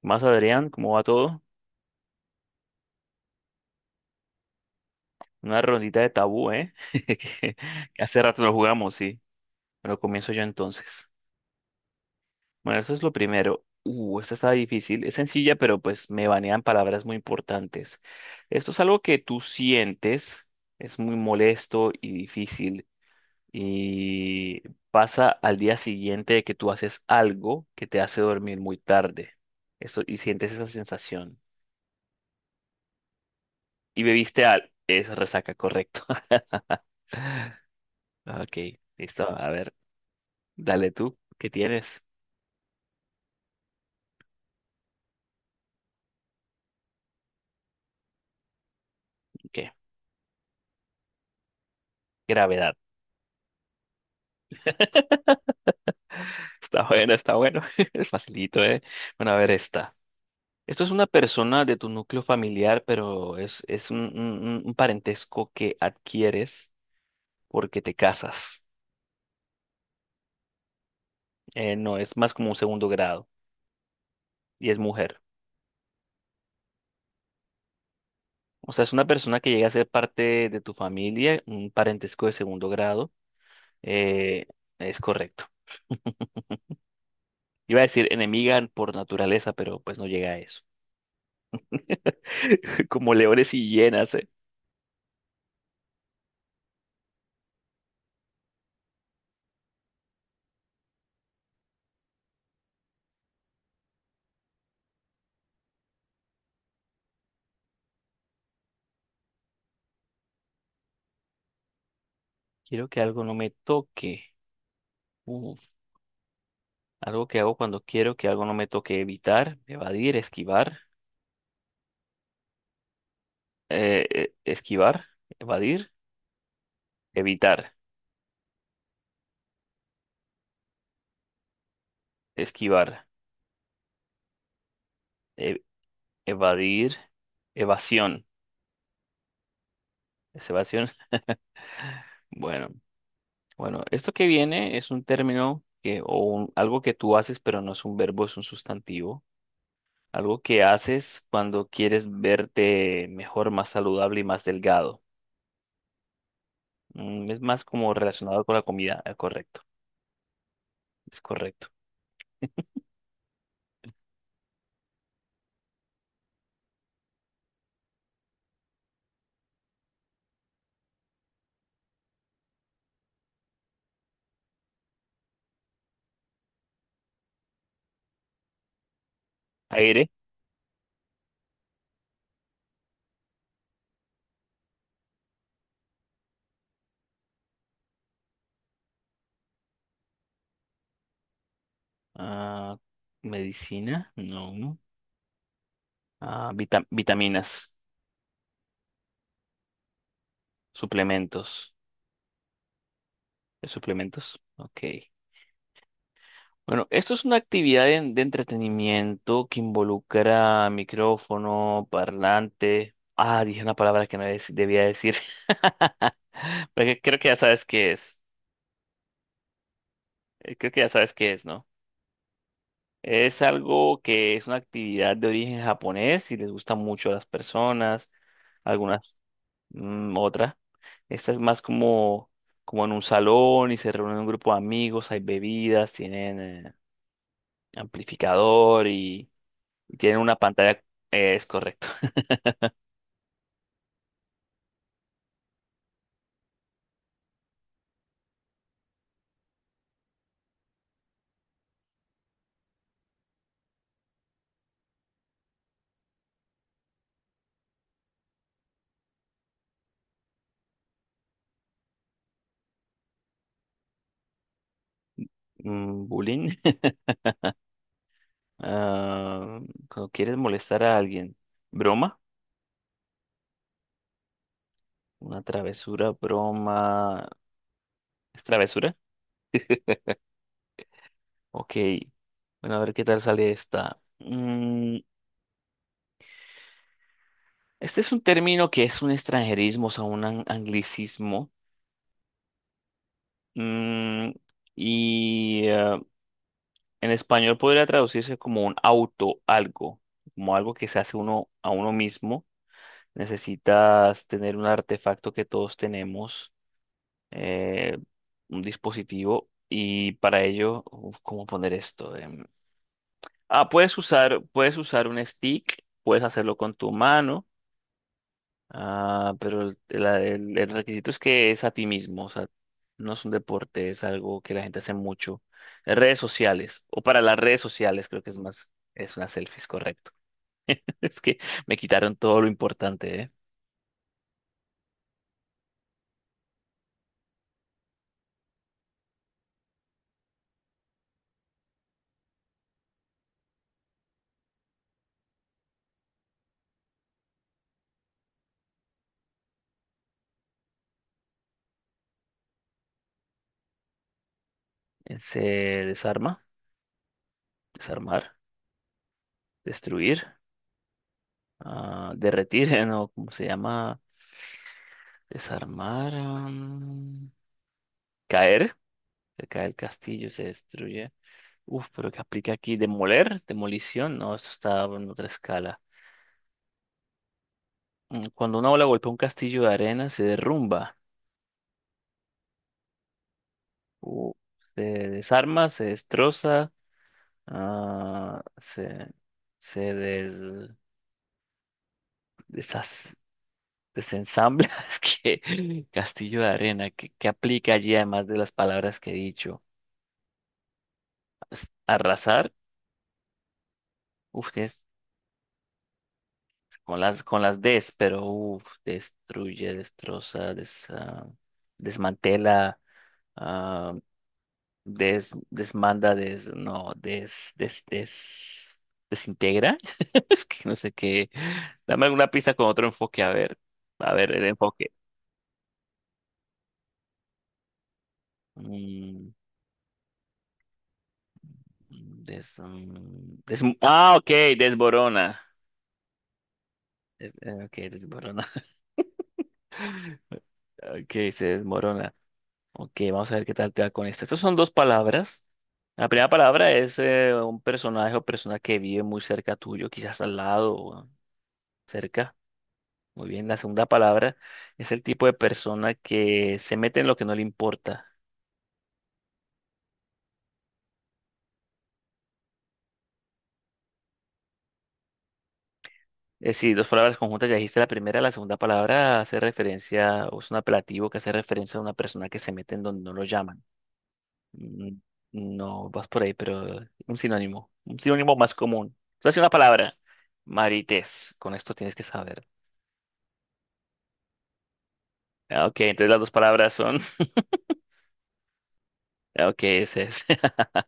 Más Adrián, ¿cómo va todo? Una rondita de tabú, ¿eh? Que hace rato no jugamos, sí. Pero comienzo yo entonces. Bueno, eso es lo primero. Esta está difícil. Es sencilla, pero pues me banean palabras muy importantes. Esto es algo que tú sientes, es muy molesto y difícil. Y pasa al día siguiente de que tú haces algo que te hace dormir muy tarde. Eso, y sientes esa sensación. Y bebiste al... Es resaca, correcto. Ah, ok, listo. A ver, dale tú. ¿Qué tienes? ¿Qué? Gravedad. Está bueno, está bueno. Es facilito, ¿eh? Bueno, a ver esta. Esto es una persona de tu núcleo familiar, pero es un parentesco que adquieres porque te casas. No, es más como un segundo grado y es mujer. O sea, es una persona que llega a ser parte de tu familia, un parentesco de segundo grado. eh, es correcto. Iba a decir enemiga por naturaleza, pero pues no llega a eso. Como leones y hienas, ¿eh? Quiero que algo no me toque. Uf, algo que hago cuando quiero que algo no me toque. Evitar, evadir, esquivar. Esquivar, evadir, evitar, esquivar, e- evadir, evasión. ¿Es evasión? Bueno, bueno, esto que viene es un término que, algo que tú haces, pero no es un verbo, es un sustantivo. Algo que haces cuando quieres verte mejor, más saludable y más delgado. Mm, es más como relacionado con la comida, correcto, es correcto. Aire, ah, medicina, no, no. Ah, vitaminas, suplementos. ¿Es suplementos? Ok. Bueno, esto es una actividad de entretenimiento que involucra micrófono, parlante. Ah, dije una palabra que no dec- debía decir. Porque creo que ya sabes qué es. Creo que ya sabes qué es, ¿no? Es algo que es una actividad de origen japonés y les gusta mucho a las personas, algunas, mm, otra. Esta es más como, como en un salón y se reúnen un grupo de amigos, hay bebidas, tienen amplificador y tienen una pantalla, es correcto. Mm, bullying. Ah, cuando quieres molestar a alguien. Broma. Una travesura, broma. ¿Es travesura? Ok, bueno, a ver qué tal sale esta. Mm, este es un término que es un extranjerismo, o sea, anglicismo. Mm, y en español podría traducirse como un auto, algo, como algo que se hace uno a uno mismo. Necesitas tener un artefacto que todos tenemos, eh, un dispositivo, y para ello, uf, ¿cómo poner esto? Em, ah, puedes usar un stick, puedes hacerlo con tu mano. Ah, pero el requisito es que es a ti mismo, o sea, no es un deporte, es algo que la gente hace mucho. Redes sociales, o para las redes sociales, creo que es más, es una selfie, es correcto. Es que me quitaron todo lo importante, ¿eh? Se desarma, desarmar, destruir, ah, derretir, ¿no? ¿Cómo se llama? Desarmar, am, caer, se cae el castillo, se destruye. Uf, pero ¿qué aplica aquí? ¿Demoler? ¿Demolición? No, eso está en otra escala. Mm, cuando una ola golpea un castillo de arena, se derrumba, uh, se desarma, se destroza, ah, se, se desas- desensambla. Es que castillo de arena, ¿qué, qué aplica allí además de las palabras que he dicho? Arrasar, uf, tienes- con las des, pero uf, destruye, destroza, desmantela. ah, Des, desmanda, des, no, des, des, des, desintegra. Es que no sé qué. Dame alguna pista con otro enfoque, a ver. A ver, el enfoque. Mm, des, mm, ah, ok, desborona. Ok, desborona. Ok, se desmorona. Ok, vamos a ver qué tal te va con esto. Estas son dos palabras. La primera palabra es un personaje o persona que vive muy cerca tuyo, quizás al lado o cerca. Muy bien, la segunda palabra es el tipo de persona que se mete en lo que no le importa. Es decir, dos palabras conjuntas, ya dijiste la primera, la segunda palabra hace referencia, o es un apelativo que hace referencia a una persona que se mete en donde no lo llaman. Mm, no vas por ahí, pero un sinónimo más común. Entonces, una palabra, marites, con esto tienes que saber. Ah, ok, entonces las dos palabras son, ah, ok, ese es.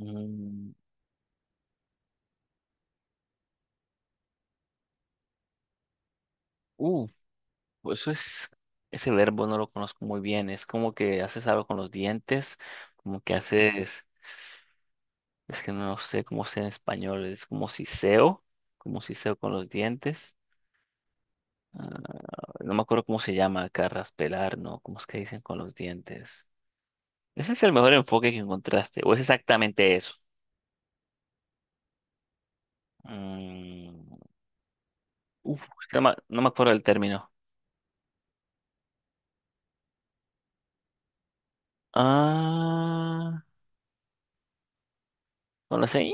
Mm, uh, pues eso es, ese verbo no lo conozco muy bien. Es como que haces algo con los dientes, como que haces, es que no sé cómo sea en español, es como siseo con los dientes. Ah, no me acuerdo cómo se llama acá, raspelar, ¿no? ¿Cómo es que dicen con los dientes? Ese es el mejor enfoque que encontraste, o es exactamente eso. Mm, uf, es que no me acuerdo del término. Ah, no lo sé.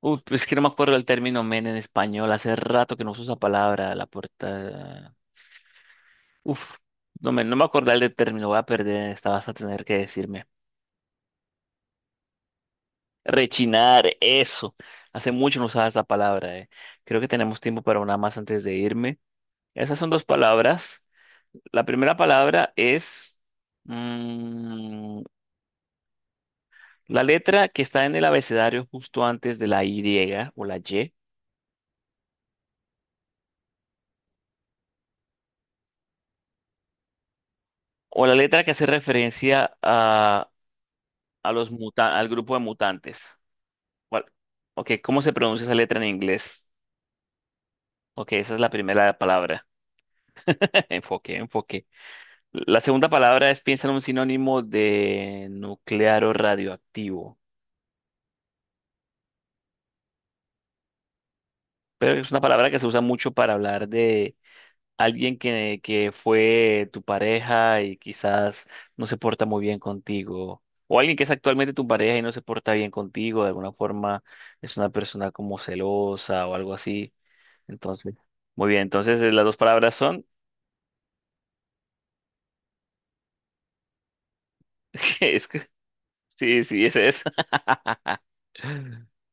Uf, es que no me acuerdo el término men en español. Hace rato que no uso esa palabra. La puerta. Uf, no me acordaba el de término. Voy a perder. Esta vas a tener que decirme. Rechinar, eso. Hace mucho no usaba esa palabra. Creo que tenemos tiempo para una más antes de irme. Esas son dos palabras. La primera palabra es mm, la letra que está en el abecedario justo antes de la Y o la Y. O la letra que hace referencia a los al grupo de mutantes. ¿Cuál? Ok, ¿cómo se pronuncia esa letra en inglés? Ok, esa es la primera palabra. Enfoque, enfoque. La segunda palabra es piensa en un sinónimo de nuclear o radioactivo. Pero es una palabra que se usa mucho para hablar de alguien que fue tu pareja y quizás no se porta muy bien contigo. O alguien que es actualmente tu pareja y no se porta bien contigo. De alguna forma es una persona como celosa o algo así. Entonces, muy bien, entonces las dos palabras son, es que, sí, sí, es esa.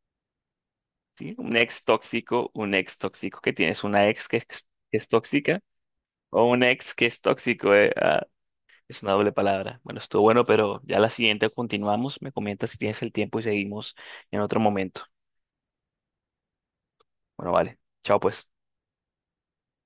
Sí, un ex tóxico que tienes una ex que es tóxica o un ex que es tóxico, es una doble palabra. Bueno, estuvo bueno, pero ya la siguiente continuamos. Me comentas si tienes el tiempo y seguimos en otro momento. Bueno, vale. Chao, pues.